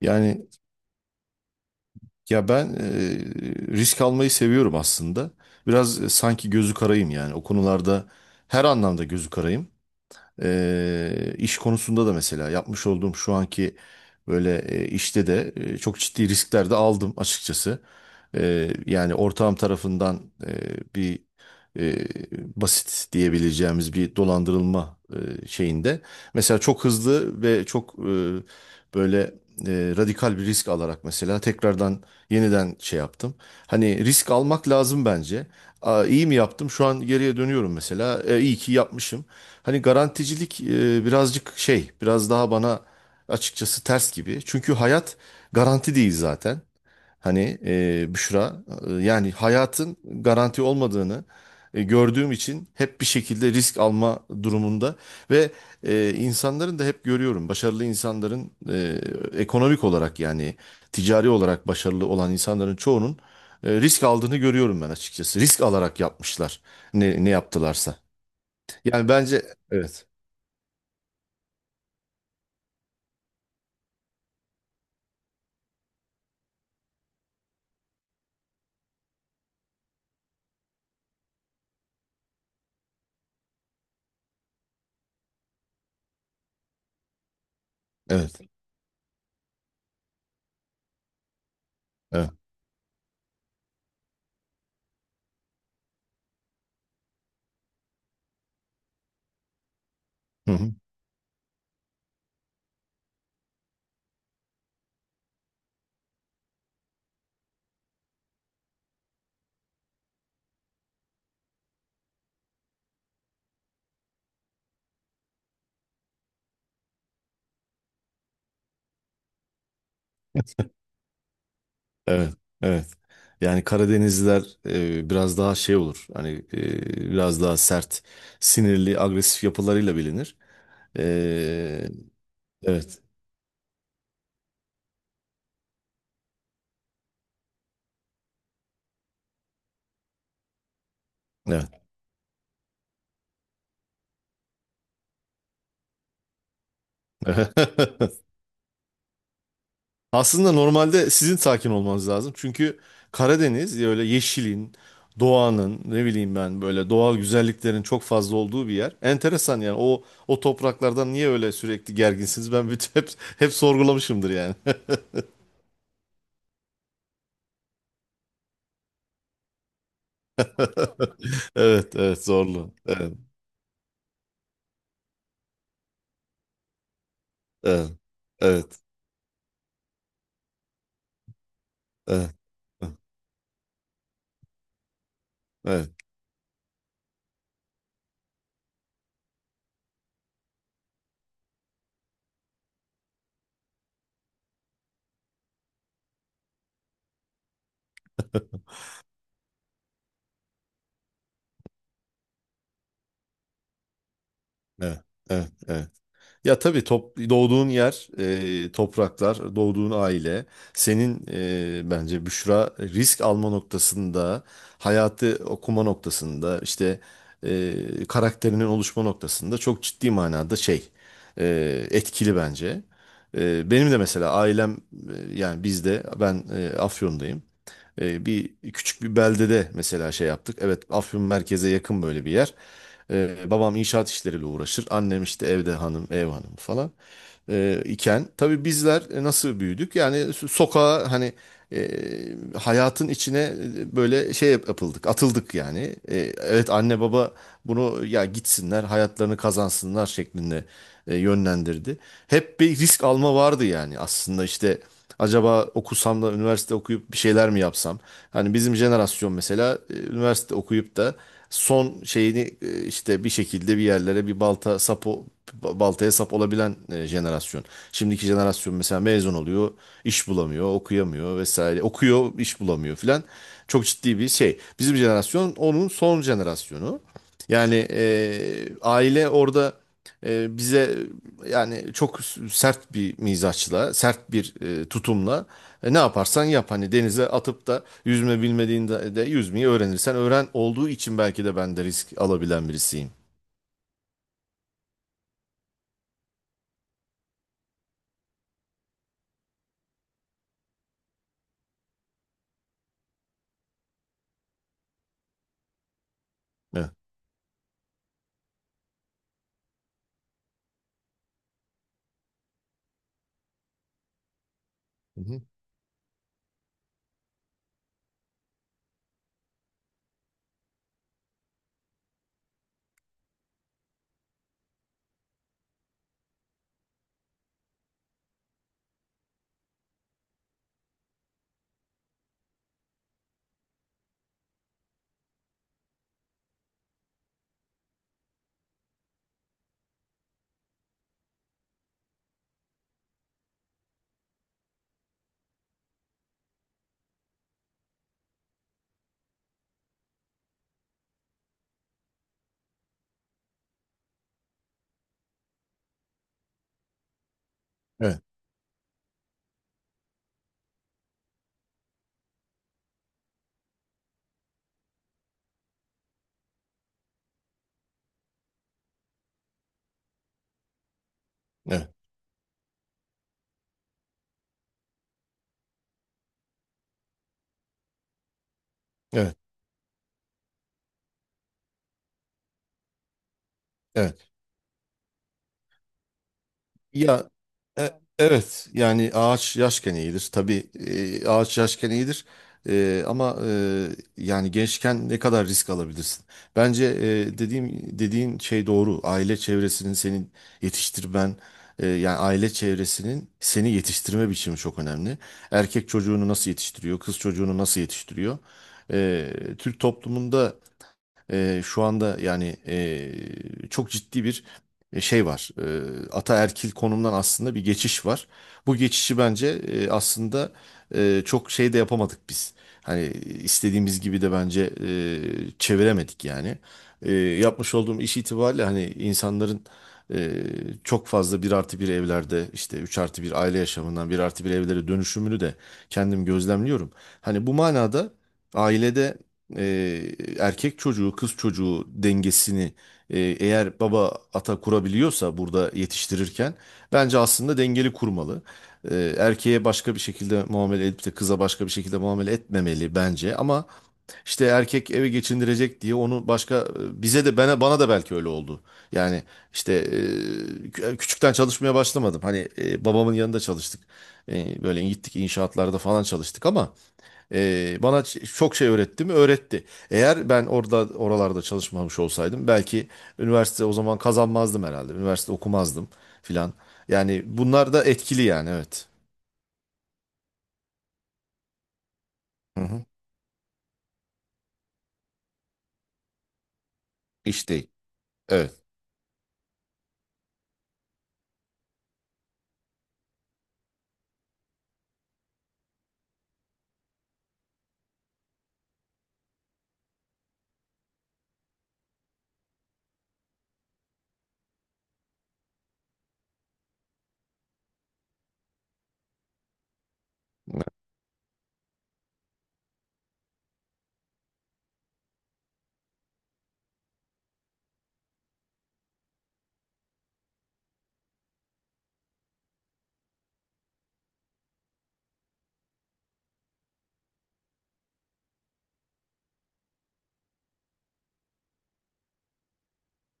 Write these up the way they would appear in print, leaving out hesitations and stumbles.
Yani ya ben risk almayı seviyorum aslında. Biraz sanki gözü karayım yani. O konularda her anlamda gözü karayım. İş konusunda da mesela yapmış olduğum şu anki böyle işte de çok ciddi riskler de aldım açıkçası. Yani ortağım tarafından bir e, basit diyebileceğimiz bir dolandırılma şeyinde. Mesela çok hızlı ve çok böyle radikal bir risk alarak mesela tekrardan yeniden şey yaptım. Hani risk almak lazım bence. Aa, iyi mi yaptım? Şu an geriye dönüyorum mesela. İyi ki yapmışım. Hani garanticilik birazcık şey, biraz daha bana açıkçası ters gibi. Çünkü hayat garanti değil zaten. Hani Büşra yani hayatın garanti olmadığını gördüğüm için hep bir şekilde risk alma durumunda ve insanların da hep görüyorum başarılı insanların ekonomik olarak yani ticari olarak başarılı olan insanların çoğunun risk aldığını görüyorum ben açıkçası. Risk alarak yapmışlar ne yaptılarsa. Yani bence, evet, evet, evet. Hı hı. Evet, evet. Yani Karadenizliler biraz daha şey olur. Hani biraz daha sert, sinirli, agresif yapılarıyla bilinir. E, evet, evet. Aslında normalde sizin sakin olmanız lazım. Çünkü Karadeniz öyle yeşilin, doğanın, ne bileyim ben böyle doğal güzelliklerin çok fazla olduğu bir yer. Enteresan yani o o topraklardan niye öyle sürekli gerginsiniz? Ben bütün hep hep sorgulamışımdır yani. Evet, evet zorlu. Evet. Evet. Evet. Evet. Evet. Evet. Evet. Evet. Evet. Ya tabii top, doğduğun yer, topraklar, doğduğun aile, senin bence Büşra risk alma noktasında, hayatı okuma noktasında, işte e, karakterinin oluşma noktasında çok ciddi manada şey etkili bence. Benim de mesela ailem yani bizde ben Afyon'dayım. Bir küçük bir beldede mesela şey yaptık. Evet, Afyon merkeze yakın böyle bir yer. Babam inşaat işleriyle uğraşır. Annem işte evde hanım, ev hanımı falan iken tabii bizler nasıl büyüdük? Yani sokağa hani e, hayatın içine böyle şey yapıldık, atıldık yani. Evet, anne baba bunu ya gitsinler, hayatlarını kazansınlar şeklinde yönlendirdi. Hep bir risk alma vardı yani aslında işte acaba okusam da üniversite okuyup bir şeyler mi yapsam? Hani bizim jenerasyon mesela üniversite okuyup da son şeyini işte bir şekilde bir yerlere bir baltaya sap olabilen jenerasyon. Şimdiki jenerasyon mesela mezun oluyor, iş bulamıyor, okuyamıyor vesaire. Okuyor, iş bulamıyor filan. Çok ciddi bir şey. Bizim jenerasyon onun son jenerasyonu. Yani aile orada bize yani çok sert bir mizaçla, sert bir tutumla ne yaparsan yap hani denize atıp da yüzme bilmediğinde de yüzmeyi öğrenirsen öğren olduğu için belki de ben de risk alabilen birisiyim. Evet. Hı hı. Evet. Evet. Evet. Evet. Ya e- evet, yani ağaç yaşken iyidir. Tabii ağaç yaşken iyidir. Ama yani gençken ne kadar risk alabilirsin? Bence dediğin şey doğru. Aile çevresinin senin yetiştirmen yani aile çevresinin seni yetiştirme biçimi çok önemli. Erkek çocuğunu nasıl yetiştiriyor? Kız çocuğunu nasıl yetiştiriyor? E, Türk toplumunda şu anda yani çok ciddi bir şey var. Ataerkil konumdan aslında bir geçiş var. Bu geçişi bence aslında çok şey de yapamadık biz. Hani istediğimiz gibi de bence çeviremedik yani. Eee, Yapmış olduğum iş itibariyle hani insanların eee, çok fazla bir artı bir evlerde işte 3 artı bir aile yaşamından bir artı bir evlere dönüşümünü de kendim gözlemliyorum. Hani bu manada ailede e, erkek çocuğu kız çocuğu dengesini eğer baba ata kurabiliyorsa burada yetiştirirken bence aslında dengeli kurmalı. Erkeğe başka bir şekilde muamele edip de kıza başka bir şekilde muamele etmemeli bence ama işte erkek eve geçindirecek diye onu başka bize de bana da belki öyle oldu. Yani işte küçükten çalışmaya başlamadım. Hani babamın yanında çalıştık. Böyle gittik inşaatlarda falan çalıştık ama bana çok şey öğretti mi? Öğretti. Eğer ben orada oralarda çalışmamış olsaydım belki üniversite o zaman kazanmazdım herhalde. Üniversite okumazdım filan. Yani bunlar da etkili yani evet. Hı hı. İş değil. Evet.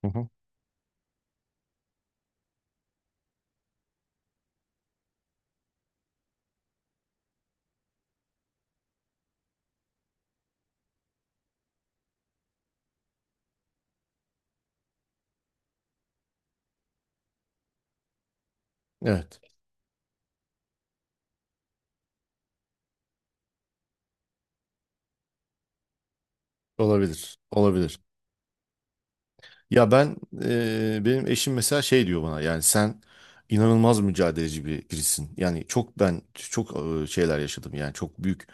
Hı hı. Evet. Olabilir. Olabilir. Ya ben benim eşim mesela şey diyor bana yani sen inanılmaz mücadeleci birisin. Yani çok ben çok şeyler yaşadım yani çok büyük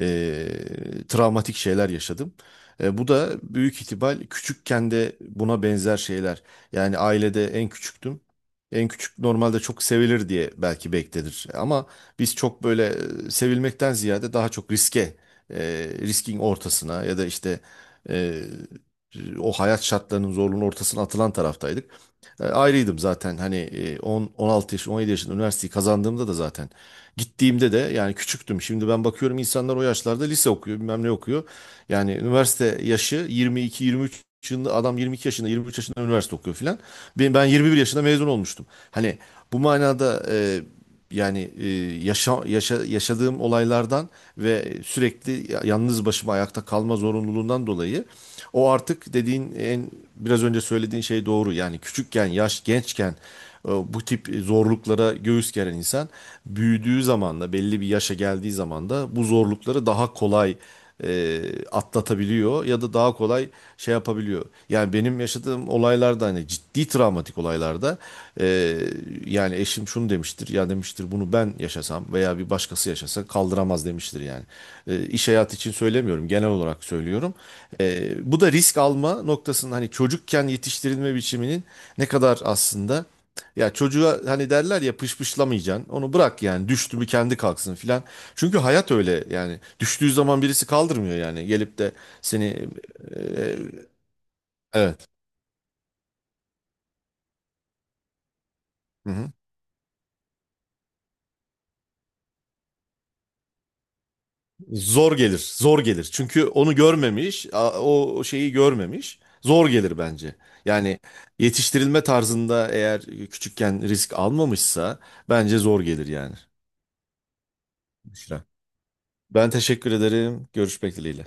travmatik şeyler yaşadım. Bu da büyük ihtimal küçükken de buna benzer şeyler. Yani ailede en küçüktüm. En küçük normalde çok sevilir diye belki beklenir. Ama biz çok böyle sevilmekten ziyade daha çok riske, riskin ortasına ya da işte o hayat şartlarının zorluğunun ortasına atılan taraftaydık. Ayrıydım zaten hani 10 16 yaş 17 yaşında üniversiteyi kazandığımda da zaten gittiğimde de yani küçüktüm. Şimdi ben bakıyorum, insanlar o yaşlarda lise okuyor, bilmem ne okuyor. Yani üniversite yaşı 22 23 yaşında, adam 22 yaşında, 23 yaşında üniversite okuyor filan. Ben 21 yaşında mezun olmuştum. Hani bu manada yani yaşadığım olaylardan ve sürekli yalnız başıma ayakta kalma zorunluluğundan dolayı o artık dediğin, en biraz önce söylediğin şey doğru. Yani küçükken, yaş gençken bu tip zorluklara göğüs geren insan büyüdüğü zaman da belli bir yaşa geldiği zaman da bu zorlukları daha kolay e, atlatabiliyor ya da daha kolay şey yapabiliyor. Yani benim yaşadığım olaylarda hani ciddi travmatik olaylarda e, yani eşim şunu demiştir, ya demiştir bunu ben yaşasam veya bir başkası yaşasa kaldıramaz demiştir yani. İş hayatı için söylemiyorum, genel olarak söylüyorum. Bu da risk alma noktasının hani çocukken yetiştirilme biçiminin ne kadar aslında, ya çocuğa hani derler ya, pışpışlamayacaksın onu bırak yani, düştü mü kendi kalksın filan. Çünkü hayat öyle yani, düştüğü zaman birisi kaldırmıyor yani, gelip de seni e, e, evet. Hı hı. Zor gelir, zor gelir. Çünkü onu görmemiş, o o şeyi görmemiş. Zor gelir bence. Yani yetiştirilme tarzında eğer küçükken risk almamışsa bence zor gelir yani. Büşra. Ben teşekkür ederim. Görüşmek dileğiyle.